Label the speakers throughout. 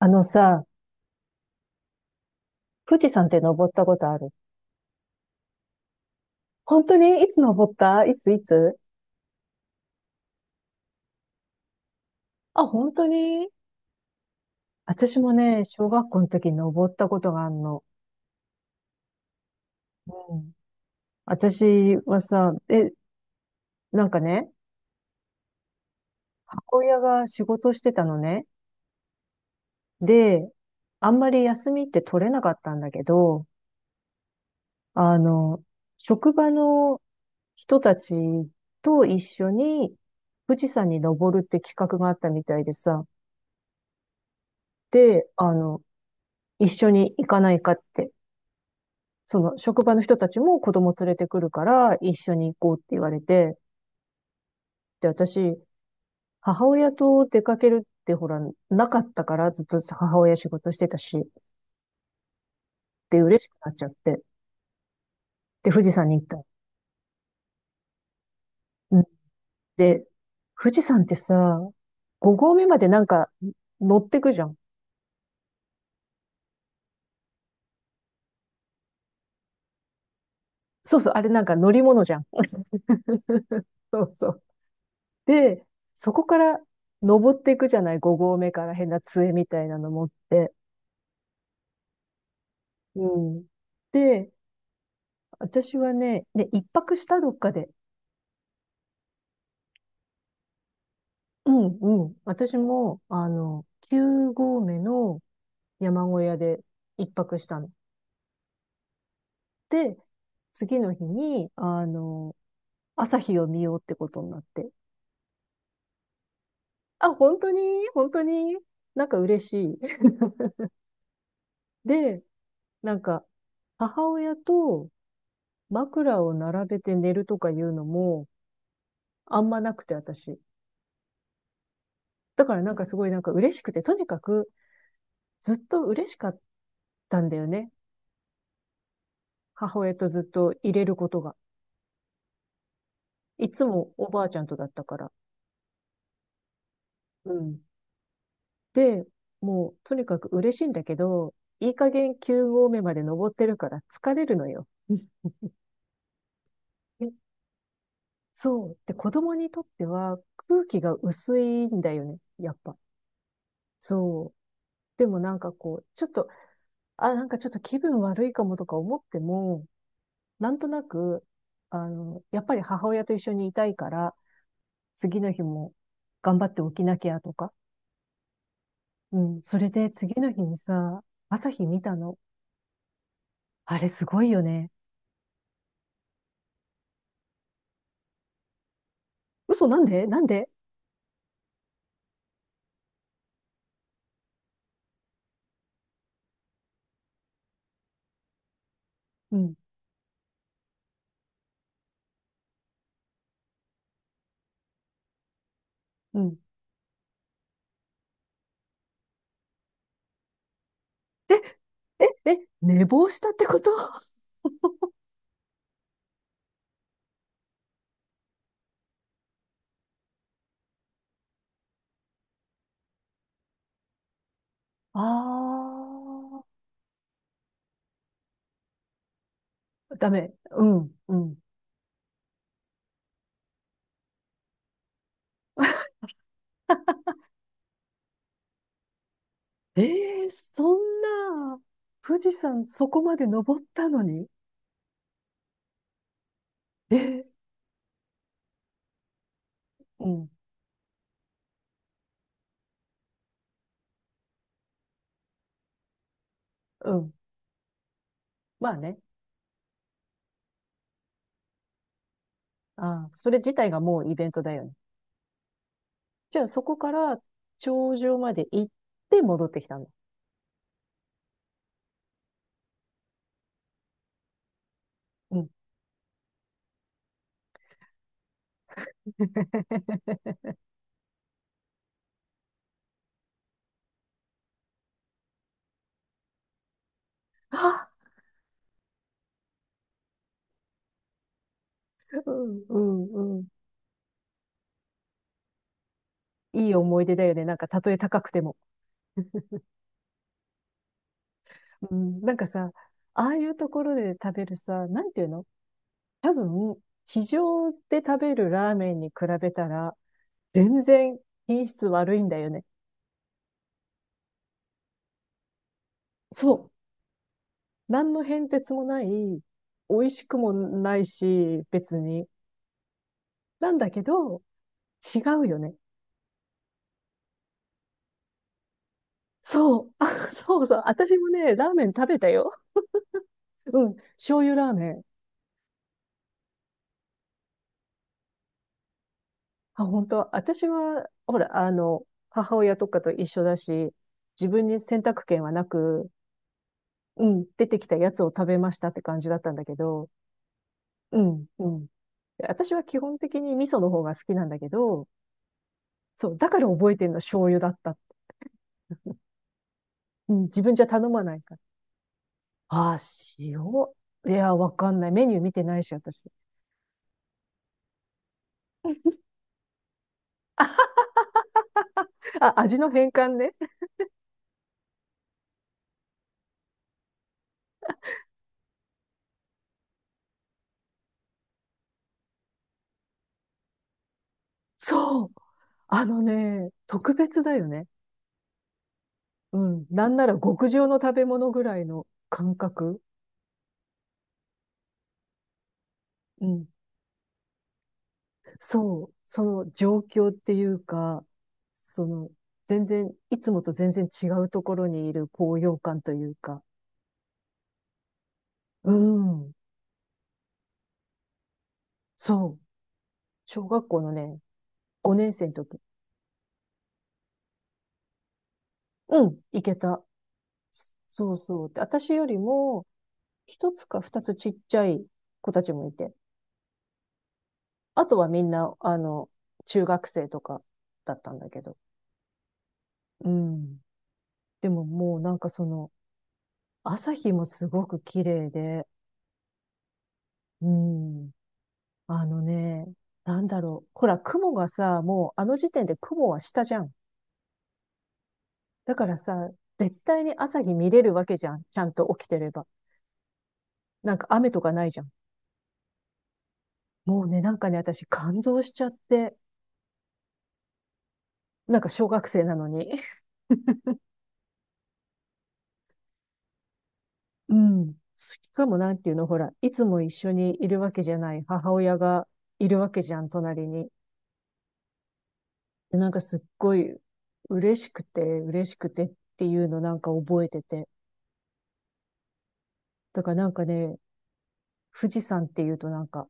Speaker 1: あのさ、富士山って登ったことある？本当に？いつ登った？いついつ？あ、本当に？私もね、小学校の時に登ったことがあるの。うん。私はさ、なんかね、母親が仕事してたのね。で、あんまり休みって取れなかったんだけど、あの、職場の人たちと一緒に富士山に登るって企画があったみたいでさ、で、一緒に行かないかって。その職場の人たちも子供連れてくるから一緒に行こうって言われて、で、私、母親と出かけるってほら、なかったからずっと母親仕事してたし、で、嬉しくなっちゃって、で、富士山に行った。うん。で、富士山ってさ、5合目までなんか乗ってくじゃん。そうそう、あれなんか乗り物じゃん。そうそう。で、そこから登っていくじゃない、5合目から変な杖みたいなの持って。うん。で、私はね、で、一泊したどっかで。うんうん。私も、9合目の山小屋で一泊したの。で、次の日に、朝日を見ようってことになって。あ、本当に、本当に？なんか嬉しい。で、なんか、母親と枕を並べて寝るとかいうのも、あんまなくて、私。だからなんかすごいなんか嬉しくて、とにかくずっと嬉しかったんだよね。母親とずっと入れることが。いつもおばあちゃんとだったから。うん。で、もうとにかく嬉しいんだけど、いい加減9合目まで登ってるから疲れるのよ。え。そう。で、子供にとっては空気が薄いんだよね。やっぱ。そう。でもなんかこう、ちょっと、あ、なんかちょっと気分悪いかもとか思っても、なんとなく、やっぱり母親と一緒にいたいから、次の日も頑張って起きなきゃとか、うん。それで次の日にさ、朝日見たの。あれすごいよね。嘘、なんで？なんで？うん。うん。え、え、寝坊したってこと？ ああ、ダメ。うん。うん。えー、そんな、富士山そこまで登ったのに、えー、うん。うん。まあね。あー、それ自体がもうイベントだよね。じゃあそこから頂上まで行って戻ってきたの。うん。あ、うん、うん、うん。いい思い出だよね。なんか、たとえ高くても。うん、なんかさ、ああいうところで食べるさ、なんていうの、多分、地上で食べるラーメンに比べたら、全然品質悪いんだよね。そう。何の変哲もない、美味しくもないし、別に。なんだけど、違うよね。そう。あ、そうそう。私もね、ラーメン食べたよ。うん。醤油ラーメン。あ、本当？私は、ほら、母親とかと一緒だし、自分に選択権はなく、うん、出てきたやつを食べましたって感じだったんだけど、うん、うん。私は基本的に味噌の方が好きなんだけど、そう、だから覚えてるの醤油だった。うん、自分じゃ頼まないから。ああ、塩。いや、わかんない。メニュー見てないし、私。あ、味の変換ね。そう。あのね、特別だよね。うん。なんなら極上の食べ物ぐらいの感覚。うん。そう、その状況っていうか、その、全然、いつもと全然違うところにいる高揚感というか、うん、そう、小学校のね、5年生の時、うん、行けた。そそうそう。で、私よりも、一つか二つちっちゃい子たちもいて、あとはみんな、中学生とかだったんだけど、うん。でももうなんかその、朝日もすごく綺麗で、うん。あのね、なんだろう。ほら、雲がさ、もうあの時点で雲は下じゃん。だからさ、絶対に朝日見れるわけじゃん。ちゃんと起きてれば。なんか雨とかないじゃん。もうね、なんかね、私感動しちゃって。なんか小学生なのに。うん。しかもなんていうの、ほら、いつも一緒にいるわけじゃない母親がいるわけじゃん、隣に。で、なんかすっごい嬉しくて、嬉しくてっていうのなんか覚えてて。だからなんかね、富士山っていうとなんか、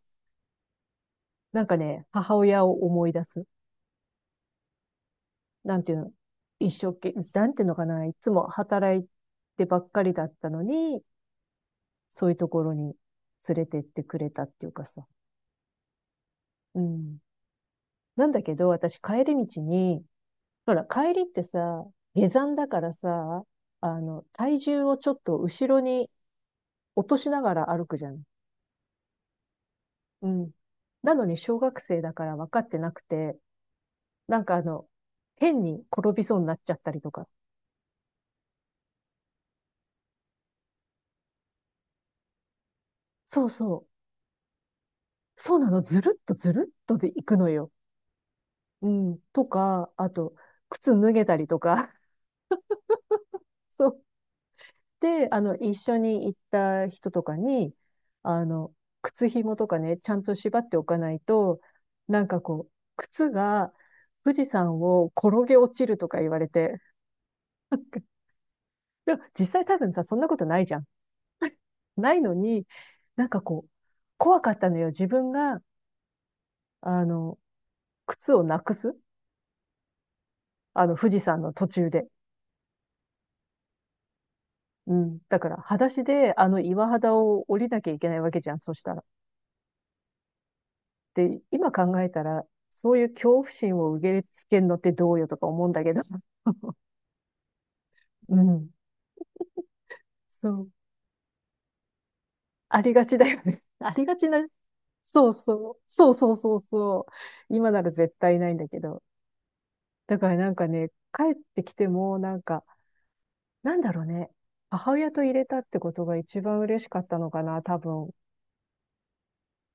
Speaker 1: なんかね、母親を思い出す。なんていうの、一生懸命、なんていうのかな、いつも働いてばっかりだったのに、そういうところに連れてってくれたっていうかさ。うん。なんだけど、私帰り道に、ほら、帰りってさ、下山だからさ、体重をちょっと後ろに落としながら歩くじゃん。うん。なのに小学生だから分かってなくて、なんか変に転びそうになっちゃったりとか。そうそう。そうなの、ずるっとずるっとで行くのよ。うん。とか、あと、靴脱げたりとか。そう。で、一緒に行った人とかに、あの、靴紐とかね、ちゃんと縛っておかないと、なんかこう、靴が富士山を転げ落ちるとか言われて。でも実際多分さ、そんなことないじゃん。ないのに、なんかこう、怖かったのよ。自分が、あの、靴をなくす。富士山の途中で。うん。だから、裸足であの岩肌を降りなきゃいけないわけじゃん、そしたら。で、今考えたら、そういう恐怖心を受け付けるのってどうよとか思うんだけど。うん。そう。ありがちだよね。ありがちな、そうそう。そうそうそうそう。今なら絶対ないんだけど。だからなんかね、帰ってきても、なんか、なんだろうね。母親と入れたってことが一番嬉しかったのかな、多分。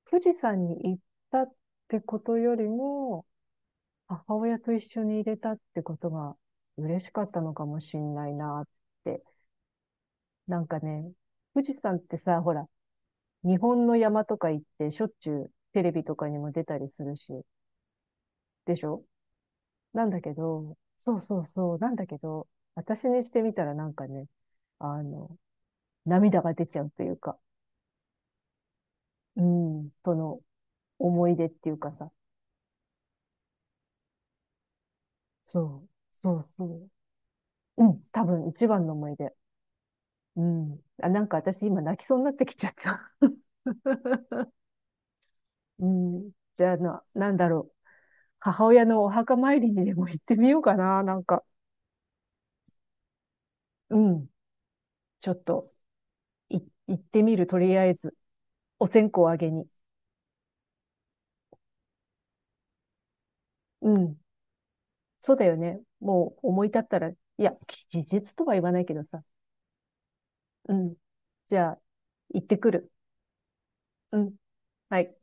Speaker 1: 富士山に行ったってことよりも、母親と一緒に入れたってことが嬉しかったのかもしんないなって。なんかね、富士山ってさ、ほら、日本の山とか行ってしょっちゅうテレビとかにも出たりするし、でしょ？なんだけど、そうそうそう、なんだけど、私にしてみたらなんかね、あの、涙が出ちゃうというか、うん、その思い出っていうかさ、そう、そうそう、うん、多分一番の思い出。うん。あ、なんか私今泣きそうになってきちゃった。うん。じゃあな、なんだろう。母親のお墓参りにでも行ってみようかな。なんか、うん。ちょっと、い、行ってみる。とりあえず、お線香をあげに。うん。そうだよね。もう思い立ったら、いや、事実とは言わないけどさ。うん。じゃあ、行ってくる。うん。はい。